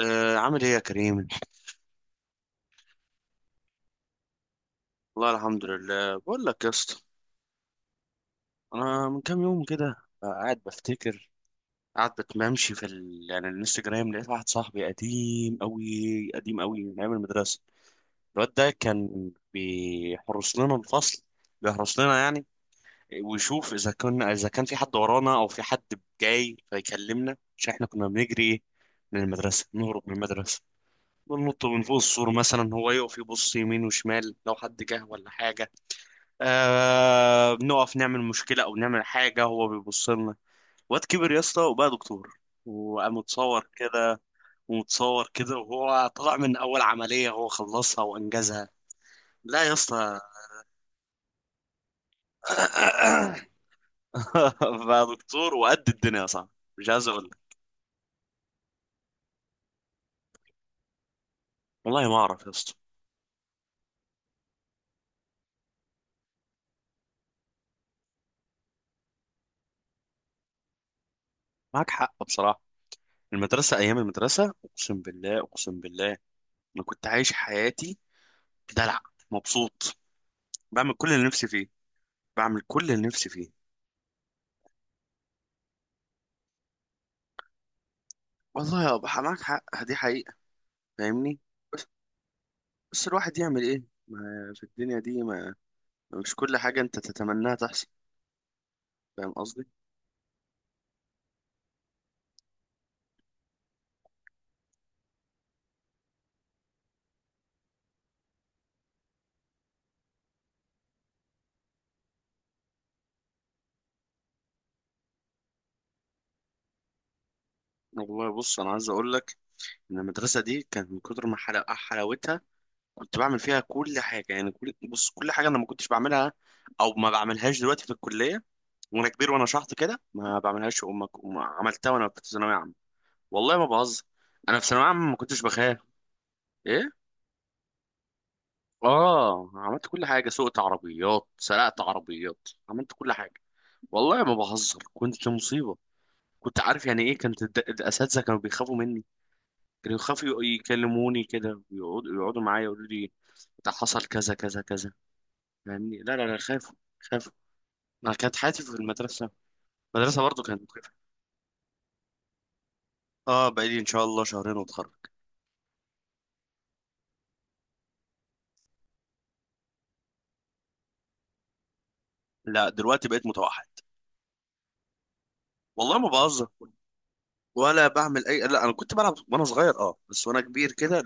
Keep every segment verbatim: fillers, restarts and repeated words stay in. آه عامل ايه يا كريم؟ والله الحمد لله، بقول لك يا اسطى، انا من كام يوم كده، آه، قاعد بفتكر قاعد بتمشي في ال... يعني الانستجرام، لقيت واحد صاحبي قديم قوي قديم قوي من ايام المدرسه. الواد ده كان بيحرس لنا الفصل، بيحرس لنا يعني، ويشوف اذا كنا اذا كان في حد ورانا او في حد جاي فيكلمنا، عشان احنا كنا بنجري من المدرسه، نهرب من المدرسه، بننط من فوق السور مثلا. هو يقف يبص يمين وشمال لو حد جه ولا حاجه. آه، بنقف نعمل مشكلة أو نعمل حاجة، هو بيبص لنا. واد كبر يا اسطى وبقى دكتور، وقام متصور كده، ومتصور كده وهو طلع من أول عملية هو خلصها وأنجزها. لا يا اسطى، بقى دكتور وقد الدنيا، صح؟ مش عايز أقول لك. والله ما أعرف يا اسطى. معاك حق بصراحة، المدرسة، أيام المدرسة، أقسم بالله أقسم بالله، أنا كنت عايش حياتي، بدلع، مبسوط، بعمل كل اللي نفسي فيه، بعمل كل اللي نفسي فيه. والله يا أبو، معاك حق، دي حقيقة. فاهمني؟ بس بس الواحد يعمل ايه؟ ما في الدنيا دي، ما مش كل حاجة انت تتمناها تحصل، فاهم قصدي؟ والله بص، انا عايز اقول لك ان المدرسة دي كانت من كتر ما حلا- حلاوتها، كنت بعمل فيها كل حاجة يعني، كل بص كل حاجة انا ما كنتش بعملها او ما بعملهاش دلوقتي في الكلية وانا كبير وانا شحط كده. ما بعملهاش، وما وما عملتها وانا كنت في ثانوية عامة. والله ما بهزر، انا في ثانوية عامة ما كنتش بخاف. ايه، اه، عملت كل حاجه، سوقت عربيات، سرقت عربيات، عملت كل حاجه. والله ما بهزر، كنت مصيبه. كنت عارف يعني ايه؟ كانت الد- الاساتذه كانوا بيخافوا مني، كانوا يخافوا يكلموني كده، ويقعدوا يقعدوا معايا يقولوا لي ده حصل كذا كذا كذا، يعني لا لا لا، خافوا، خافوا. انا كانت حياتي في المدرسه، المدرسه برضو كانت مخيفه. اه، بقالي ان شاء الله شهرين واتخرج. لا دلوقتي بقيت متوحد، والله ما بهزر، ولا بعمل اي، لا انا كنت بلعب وانا صغير اه، بس وانا كبير كده،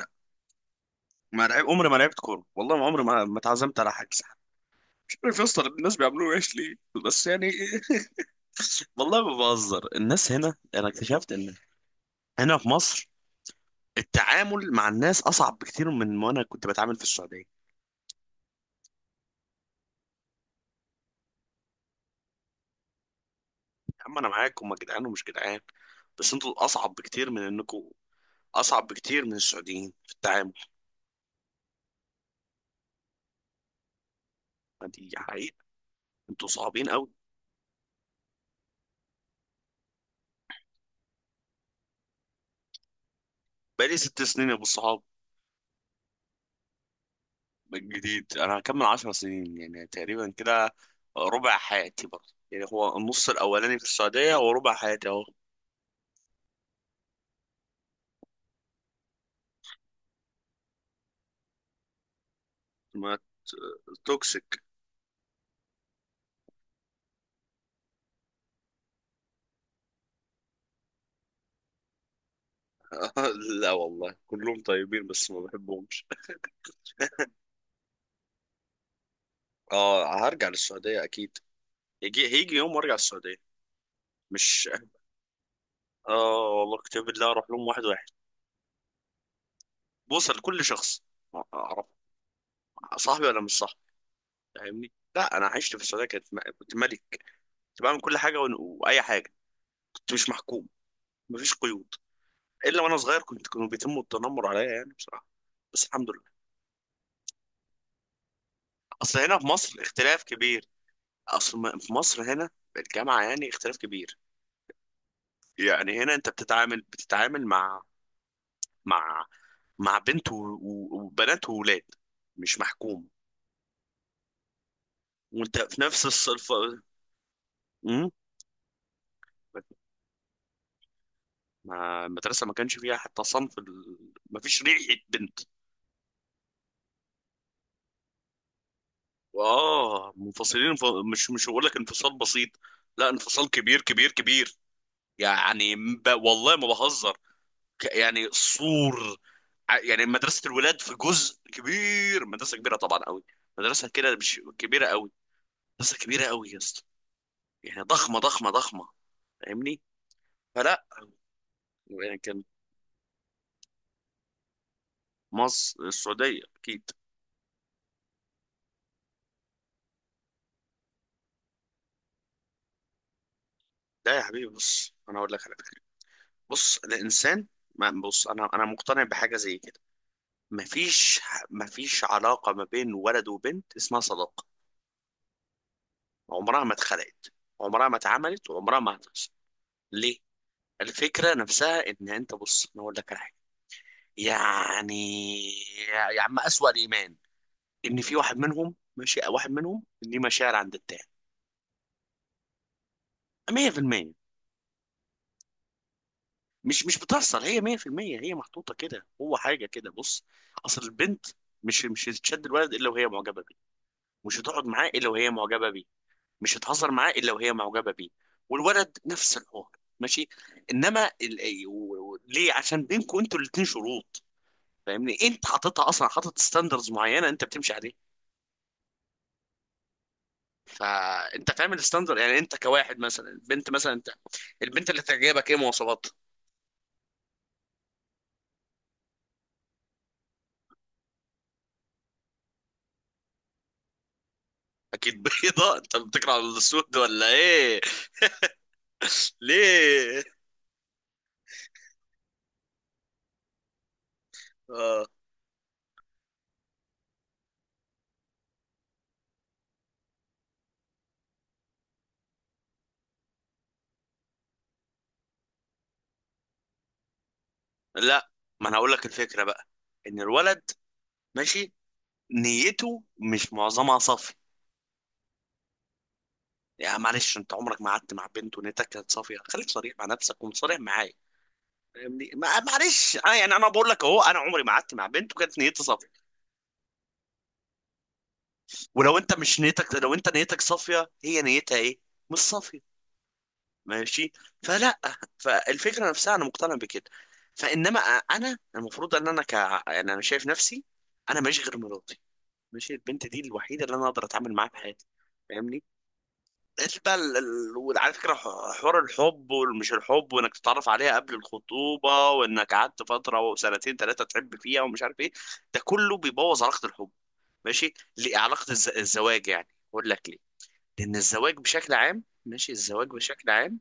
ما لعب عمري ما لعبت كوره، والله ما عمري ما ما اتعزمت على حجز. مش عارف يا اسطى، الناس بيعملوه ايش ليه؟ بس يعني والله ما بهزر، الناس هنا، انا اكتشفت ان هنا في مصر التعامل مع الناس اصعب بكتير من ما انا كنت بتعامل في السعوديه. يا عم انا معاكم، هم جدعان ومش جدعان، بس انتوا اصعب بكتير من انكم اصعب بكتير من السعوديين في التعامل. دي حقيقه، انتوا صعبين قوي. بقالي ست سنين يا ابو الصحاب، جديد. انا هكمل عشر سنين يعني تقريبا كده، ربع حياتي برضه، يعني هو النص الاولاني في السعودية وربع حياتي اهو. ما ت- توكسيك. لا والله كلهم طيبين بس ما بحبهمش. اه، هرجع للسعودية اكيد، يجي هيجي يوم وارجع السعودية، مش اه والله كتاب الله اروح لهم واحد واحد، بوصل لكل شخص، اعرف صاحبي ولا مش صاحبي، فاهمني؟ لا انا عشت في السعودية، كنت كنت ملك، كنت بعمل كل حاجة، وأنا- واي حاجة، كنت مش محكوم، مفيش قيود. الا وانا صغير كنت كانوا بيتموا التنمر عليا، يعني بصراحه، بس الحمد لله. اصل هنا في مصر اختلاف كبير، اصل م- في مصر هنا الجامعه يعني اختلاف كبير، يعني هنا انت بتتعامل بتتعامل مع مع مع بنت و- و- وبنات وولاد، مش محكوم وانت في نفس الصف. امم، ما المدرسه ما كانش فيها حتى صنف ال... ما فيش ريحه بنت. واه منفصلين، ف... مش مش هقول لك انفصال بسيط، لا، انفصال كبير كبير كبير، يعني ب... والله ما بهزر، ك- يعني سور، ع- يعني مدرسة الولاد في جزء كبير، مدرسة كبيرة طبعا قوي، مدرسة كده مش كبيرة قوي، مدرسة كبيرة قوي يا اسطى، يعني ضخمة ضخمة ضخمة. فاهمني؟ فلا يعني كان، مصر السعودية أكيد. لا يا حبيبي، بص أنا أقول لك على فكرة، بص الإنسان، ما بص أنا أنا مقتنع بحاجة زي كده. مفيش مفيش علاقة ما بين ولد وبنت اسمها صداقة، عمرها ما اتخلقت، عمرها ما اتعملت، وعمرها ما هتحصل. ليه؟ الفكرة نفسها ان انت، بص انا اقول لك على حاجة، يعني يا يا عم، اسوأ الايمان ان في واحد منهم ماشي، واحد منهم ليه مشاعر عند التاني مية في المية. مش مش بتحصل هي مية في المية، هي محطوطة كده، هو حاجة كده، بص اصل البنت، مش مش هتشد الولد الا وهي معجبة بيه، مش هتقعد معاه الا وهي معجبة بيه، مش هتهزر معاه الا وهي معجبة بيه، والولد نفس الحوار ماشي. انما ال... و- و- ليه؟ عشان بينكم انتوا الاتنين شروط، فاهمني؟ انت حاططها اصلا، حاطط ستاندرز معينه انت بتمشي عليها، فانت فاهم الستاندرد. يعني انت كواحد، مثلا البنت، مثلا انت البنت اللي تعجبك، ايه مواصفات؟ اكيد بيضاء؟ انت بتكره السود ولا ايه؟ ليه؟ آه. لا ما انا هقول لك الفكره بقى، ان الولد ماشي، نيته مش معظمها صافي. يا معلش، انت عمرك ما قعدت مع بنت ونيتك كانت صافيه؟ خليك صريح مع نفسك وصريح معايا، فاهمني؟ ما- معلش انا يعني، انا بقول لك اهو، انا عمري ما قعدت مع بنت وكانت نيتي صافيه. ولو انت مش نيتك، لو انت نيتك صافيه، هي نيتها ايه؟ مش صافيه. ماشي، فلا، فالفكره نفسها انا مقتنع بكده. فانما انا المفروض ان انا ك، يعني انا شايف نفسي انا ماشي غير مراتي، ماشي، البنت دي الوحيده اللي انا اقدر اتعامل معاها في حياتي، فاهمني؟ قلت بقى ال- ال- وعلى فكره ح- حوار الحب والمش الحب، وانك تتعرف عليها قبل الخطوبه، وانك قعدت فتره وسنتين ثلاثه تحب فيها ومش عارف ايه، ده كله بيبوظ علاقه الحب، ماشي؟ ليه- علاقه الز- الزواج يعني، اقول لك ليه. لان الزواج بشكل عام، ماشي، الزواج بشكل عام،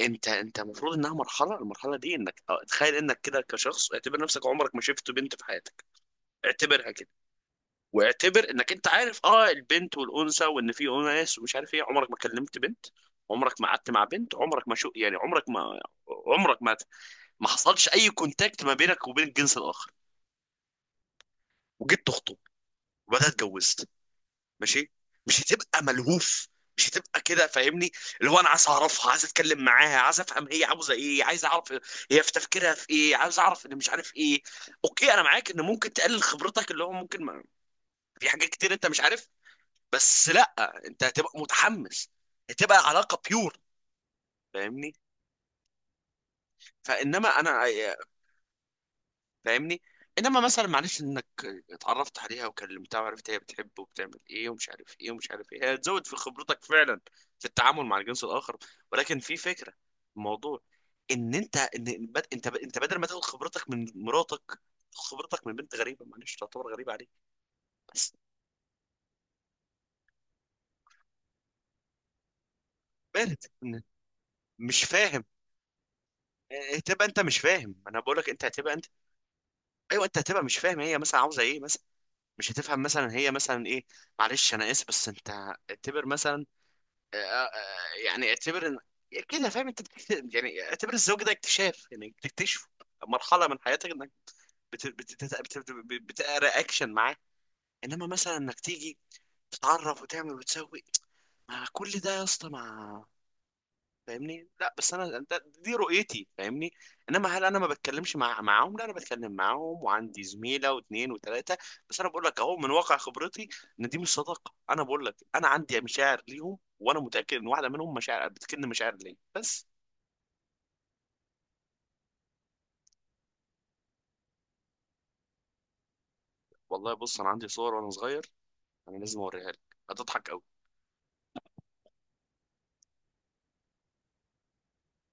انت انت المفروض انها مرحله، المرحله دي، انك اه، تخيل انك كده كشخص، اعتبر نفسك عمرك ما شفت بنت في حياتك، اعتبرها كده، واعتبر انك انت عارف اه البنت والانثى، وان في اناس ومش عارف ايه، عمرك ما كلمت بنت، عمرك ما قعدت مع بنت، عمرك ما شو يعني، عمرك ما عمرك ما ما حصلش اي كونتاكت ما بينك وبين الجنس الاخر، وجيت تخطب، وبعدها اتجوزت ماشي، مش هتبقى ملهوف، مش هتبقى كده، فاهمني؟ اللي هو انا عايز اعرفها، عايز اتكلم معاها، عايز افهم هي عاوزه ايه، عايز اعرف هي في تفكيرها في ايه، عايز اعرف ان مش عارف ايه. اوكي، انا معاك ان ممكن تقلل خبرتك، اللي هو ممكن ما... في حاجات كتير انت مش عارف، بس لا انت هتبقى متحمس، هتبقى علاقه بيور، فاهمني؟ فانما انا، فاهمني؟ انما مثلا معلش، انك اتعرفت عليها وكلمتها وعرفت هي بتحب وبتعمل ايه ومش عارف ايه ومش عارف ايه، هي هتزود في خبرتك فعلا في التعامل مع الجنس الاخر، ولكن في فكره الموضوع، ان انت، ان بد- انت انت بدل ما تاخد خبرتك من مراتك، تاخد خبرتك من بنت غريبه، معلش تعتبر غريبه عليك. بس وارد. إن- مش فاهم. إيه، هتبقى انت مش فاهم، انا بقول لك انت هتبقى انت، ايوه، انت هتبقى مش فاهم هي مثلا عاوزه ايه مثلا، مش هتفهم مثلا هي مثلا ايه، معلش انا اسف بس انت اعتبر مثلا، يعني اعتبر ان كده فاهم، انت بت- يعني اعتبر الزواج ده اكتشاف، يعني بتكتشفه مرحله من حياتك، انك بت... بت... بت... بت... بت- بتقرا اكشن معاه، انما مثلا انك تيجي تتعرف وتعمل وتسوي، ما كل ده يا اسطى ما، فاهمني؟ لا بس انا ده- دي رؤيتي، فاهمني؟ انما هل انا ما بتكلمش مع معاهم؟ لا، انا بتكلم معاهم وعندي زميله واثنين وثلاثه، بس انا بقول لك اهو من واقع خبرتي ان دي مش صداقه. انا بقول لك انا عندي مشاعر ليهم، وانا متاكد ان واحده منهم مشاعر بتكن مشاعر ليا بس. والله بص، انا عندي صور وانا صغير، انا لازم اوريها لك، هتضحك قوي.